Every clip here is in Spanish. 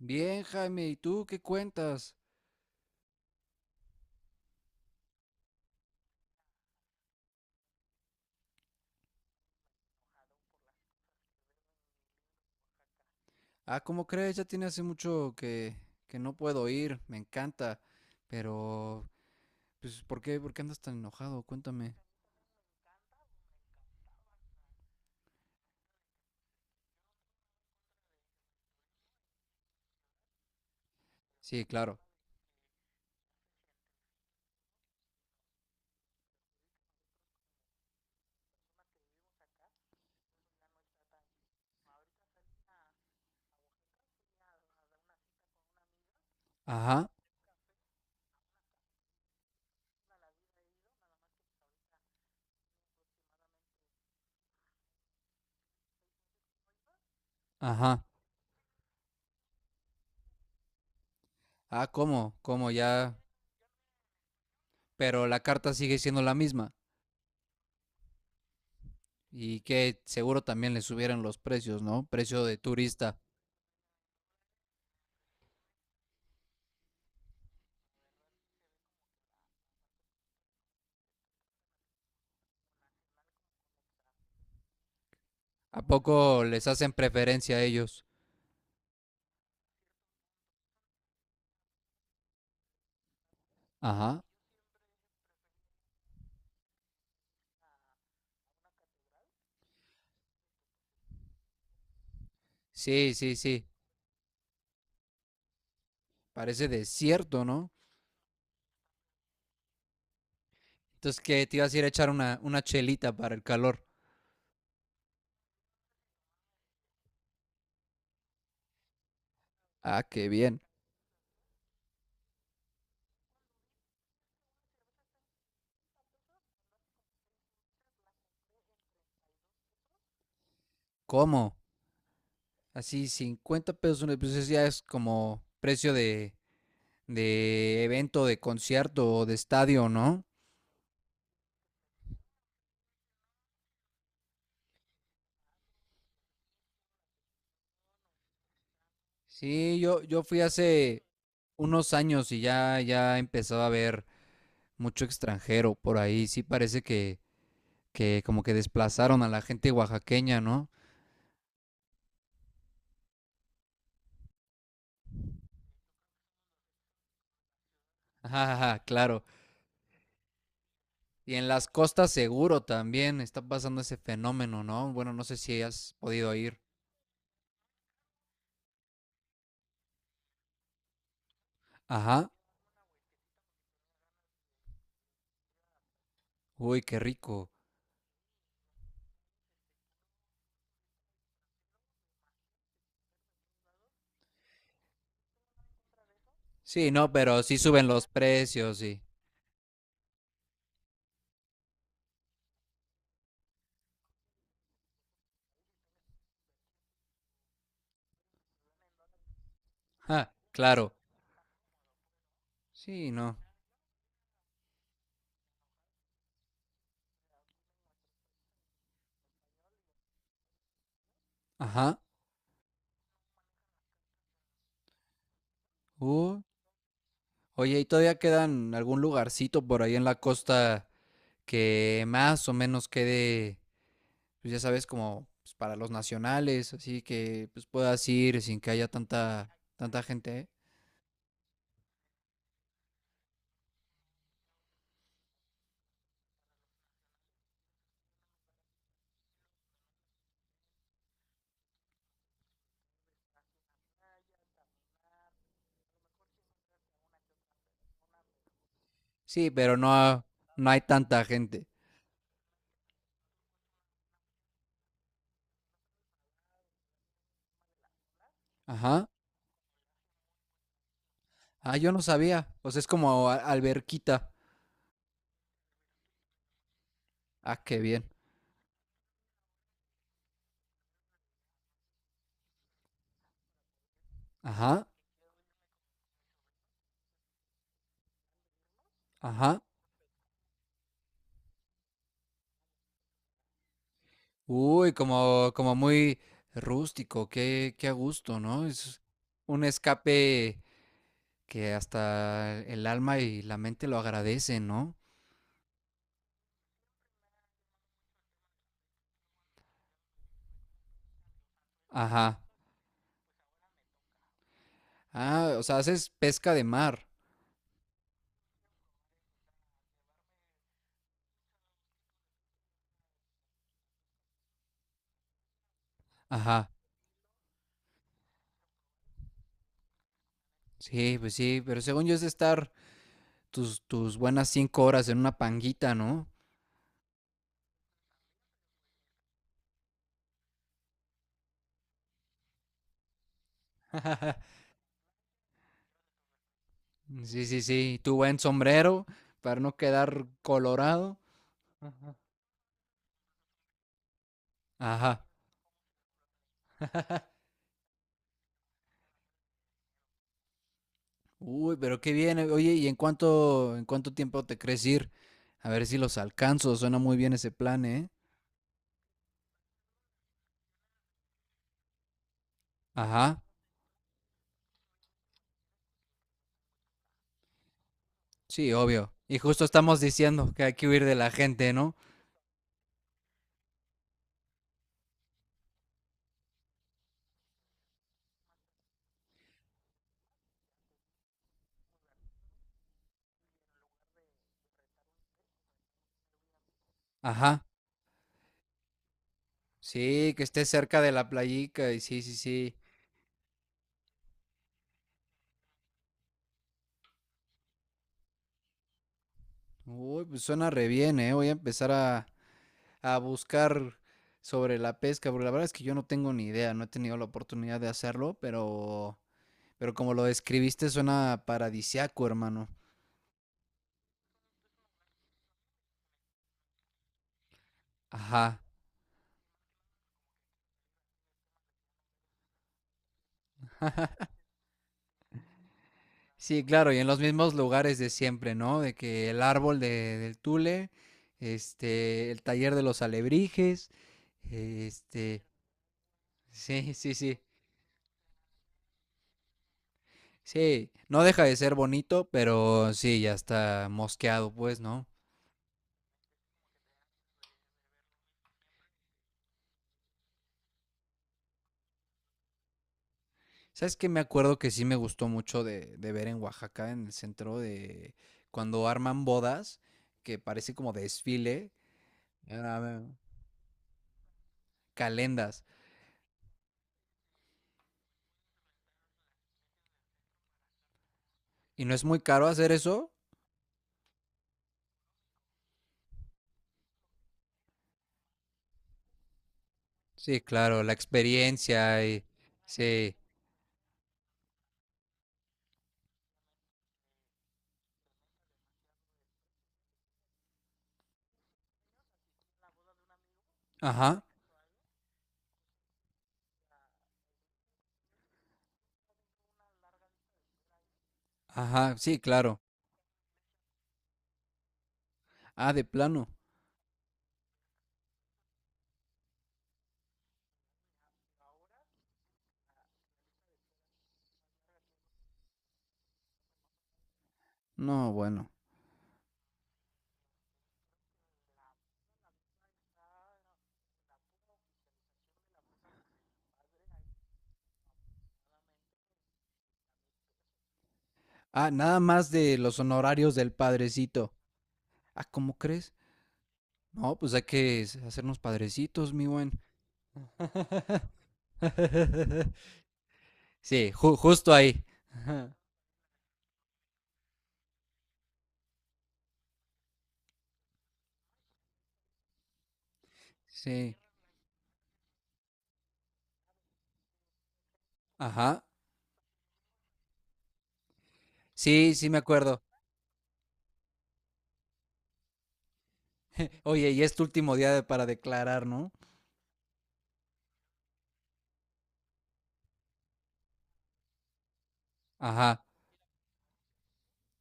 Bien, Jaime, ¿y tú qué cuentas? Ah, ¿cómo crees? Ya tiene hace mucho que no puedo ir, me encanta. Pero, pues, ¿por qué? ¿Por qué andas tan enojado? Cuéntame. Sí, claro. Ajá, ajá. Ah, ¿cómo? ¿Cómo ya? Pero la carta sigue siendo la misma. Y que seguro también les subieron los precios, ¿no? Precio de turista. ¿A poco les hacen preferencia a ellos? Ajá. Sí, sí, sí. Parece desierto, ¿no? Entonces, ¿qué? Te ibas a ir a echar una chelita para el calor. Ah, qué bien. ¿Cómo? Así, 50 pesos una, pues eso ya es como precio de evento, de concierto o de estadio, ¿no? Sí, yo fui hace unos años y ya empezaba a ver mucho extranjero por ahí. Sí parece que como que desplazaron a la gente oaxaqueña, ¿no? Ajá, claro. Y en las costas seguro también está pasando ese fenómeno, ¿no? Bueno, no sé si has podido ir. Ajá. Uy, qué rico. Sí, no, pero sí suben los precios, sí. Ah, claro. Sí, no. Ajá. Uh, oye, ¿y todavía quedan algún lugarcito por ahí en la costa que más o menos pues ya sabes, como pues, para los nacionales, así que pues puedas ir sin que haya tanta gente, eh? Sí, pero no hay tanta gente. Ajá. Ah, yo no sabía. Pues es como alberquita. Ah, qué bien. Ajá. Ajá. Uy, como, como muy rústico, qué, qué a gusto, ¿no? Es un escape que hasta el alma y la mente lo agradecen, ¿no? Ajá. Ah, o sea, haces pesca de mar. Ajá. Sí, pues sí, pero según yo es de estar tus buenas 5 horas en una panguita, ¿no? Sí, sí, sí, tu buen sombrero para no quedar colorado. Ajá. Ajá. Uy, pero qué bien. Eh, oye, ¿y en cuánto tiempo te crees ir? A ver si los alcanzo. Suena muy bien ese plan, ¿eh? Ajá. Sí, obvio. Y justo estamos diciendo que hay que huir de la gente, ¿no? Ajá. Sí, que esté cerca de la playica y sí, sí, sí. Uy, pues suena re bien, ¿eh? Voy a empezar a buscar sobre la pesca, porque la verdad es que yo no tengo ni idea, no he tenido la oportunidad de hacerlo, pero como lo describiste, suena paradisiaco, hermano. Ajá. Sí, claro, y en los mismos lugares de siempre, ¿no? De que el árbol del tule, este, el taller de los alebrijes, este, sí, sí, sí, sí, no deja de ser bonito, pero sí, ya está mosqueado, pues, ¿no? ¿Sabes qué? Me acuerdo que sí me gustó mucho de ver en Oaxaca, en el centro de, cuando arman bodas, que parece como desfile, ah, calendas, y no es muy caro hacer eso. Sí, claro, la experiencia y sí. Ajá, ajá, sí, claro. Ah, de plano. No, bueno. Ah, nada más de los honorarios del padrecito. Ah, ¿cómo crees? No, pues hay que hacernos padrecitos, mi buen. Sí, justo ahí. Ajá, sí, ajá. Sí, sí me acuerdo. Oye, y es tu último para declarar, ¿no? Ajá,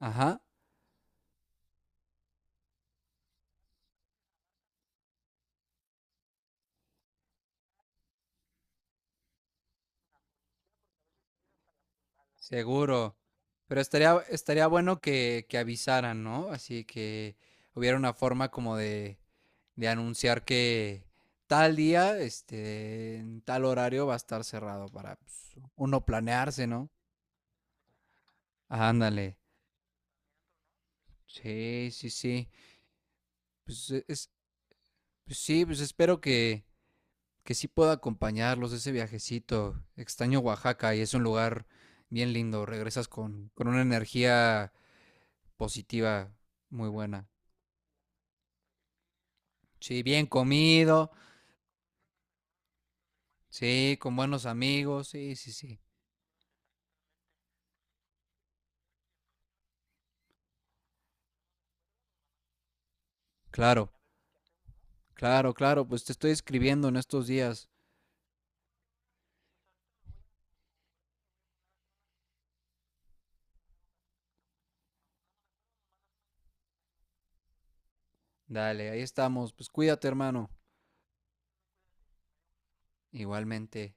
ajá. Seguro. Pero estaría bueno que avisaran, ¿no? Así que hubiera una forma como de anunciar que tal día, este, en tal horario va a estar cerrado para pues, uno planearse, ¿no? Ándale. Sí, sí, sí. Es, pues sí, pues espero que sí pueda acompañarlos ese viajecito. Extraño Oaxaca y es un lugar bien lindo. Regresas con una energía positiva muy buena. Sí, bien comido, sí, con buenos amigos, sí, sí, sí. Claro, claro, claro, pues te estoy escribiendo en estos días. Dale, ahí estamos. Pues cuídate, hermano. Igualmente.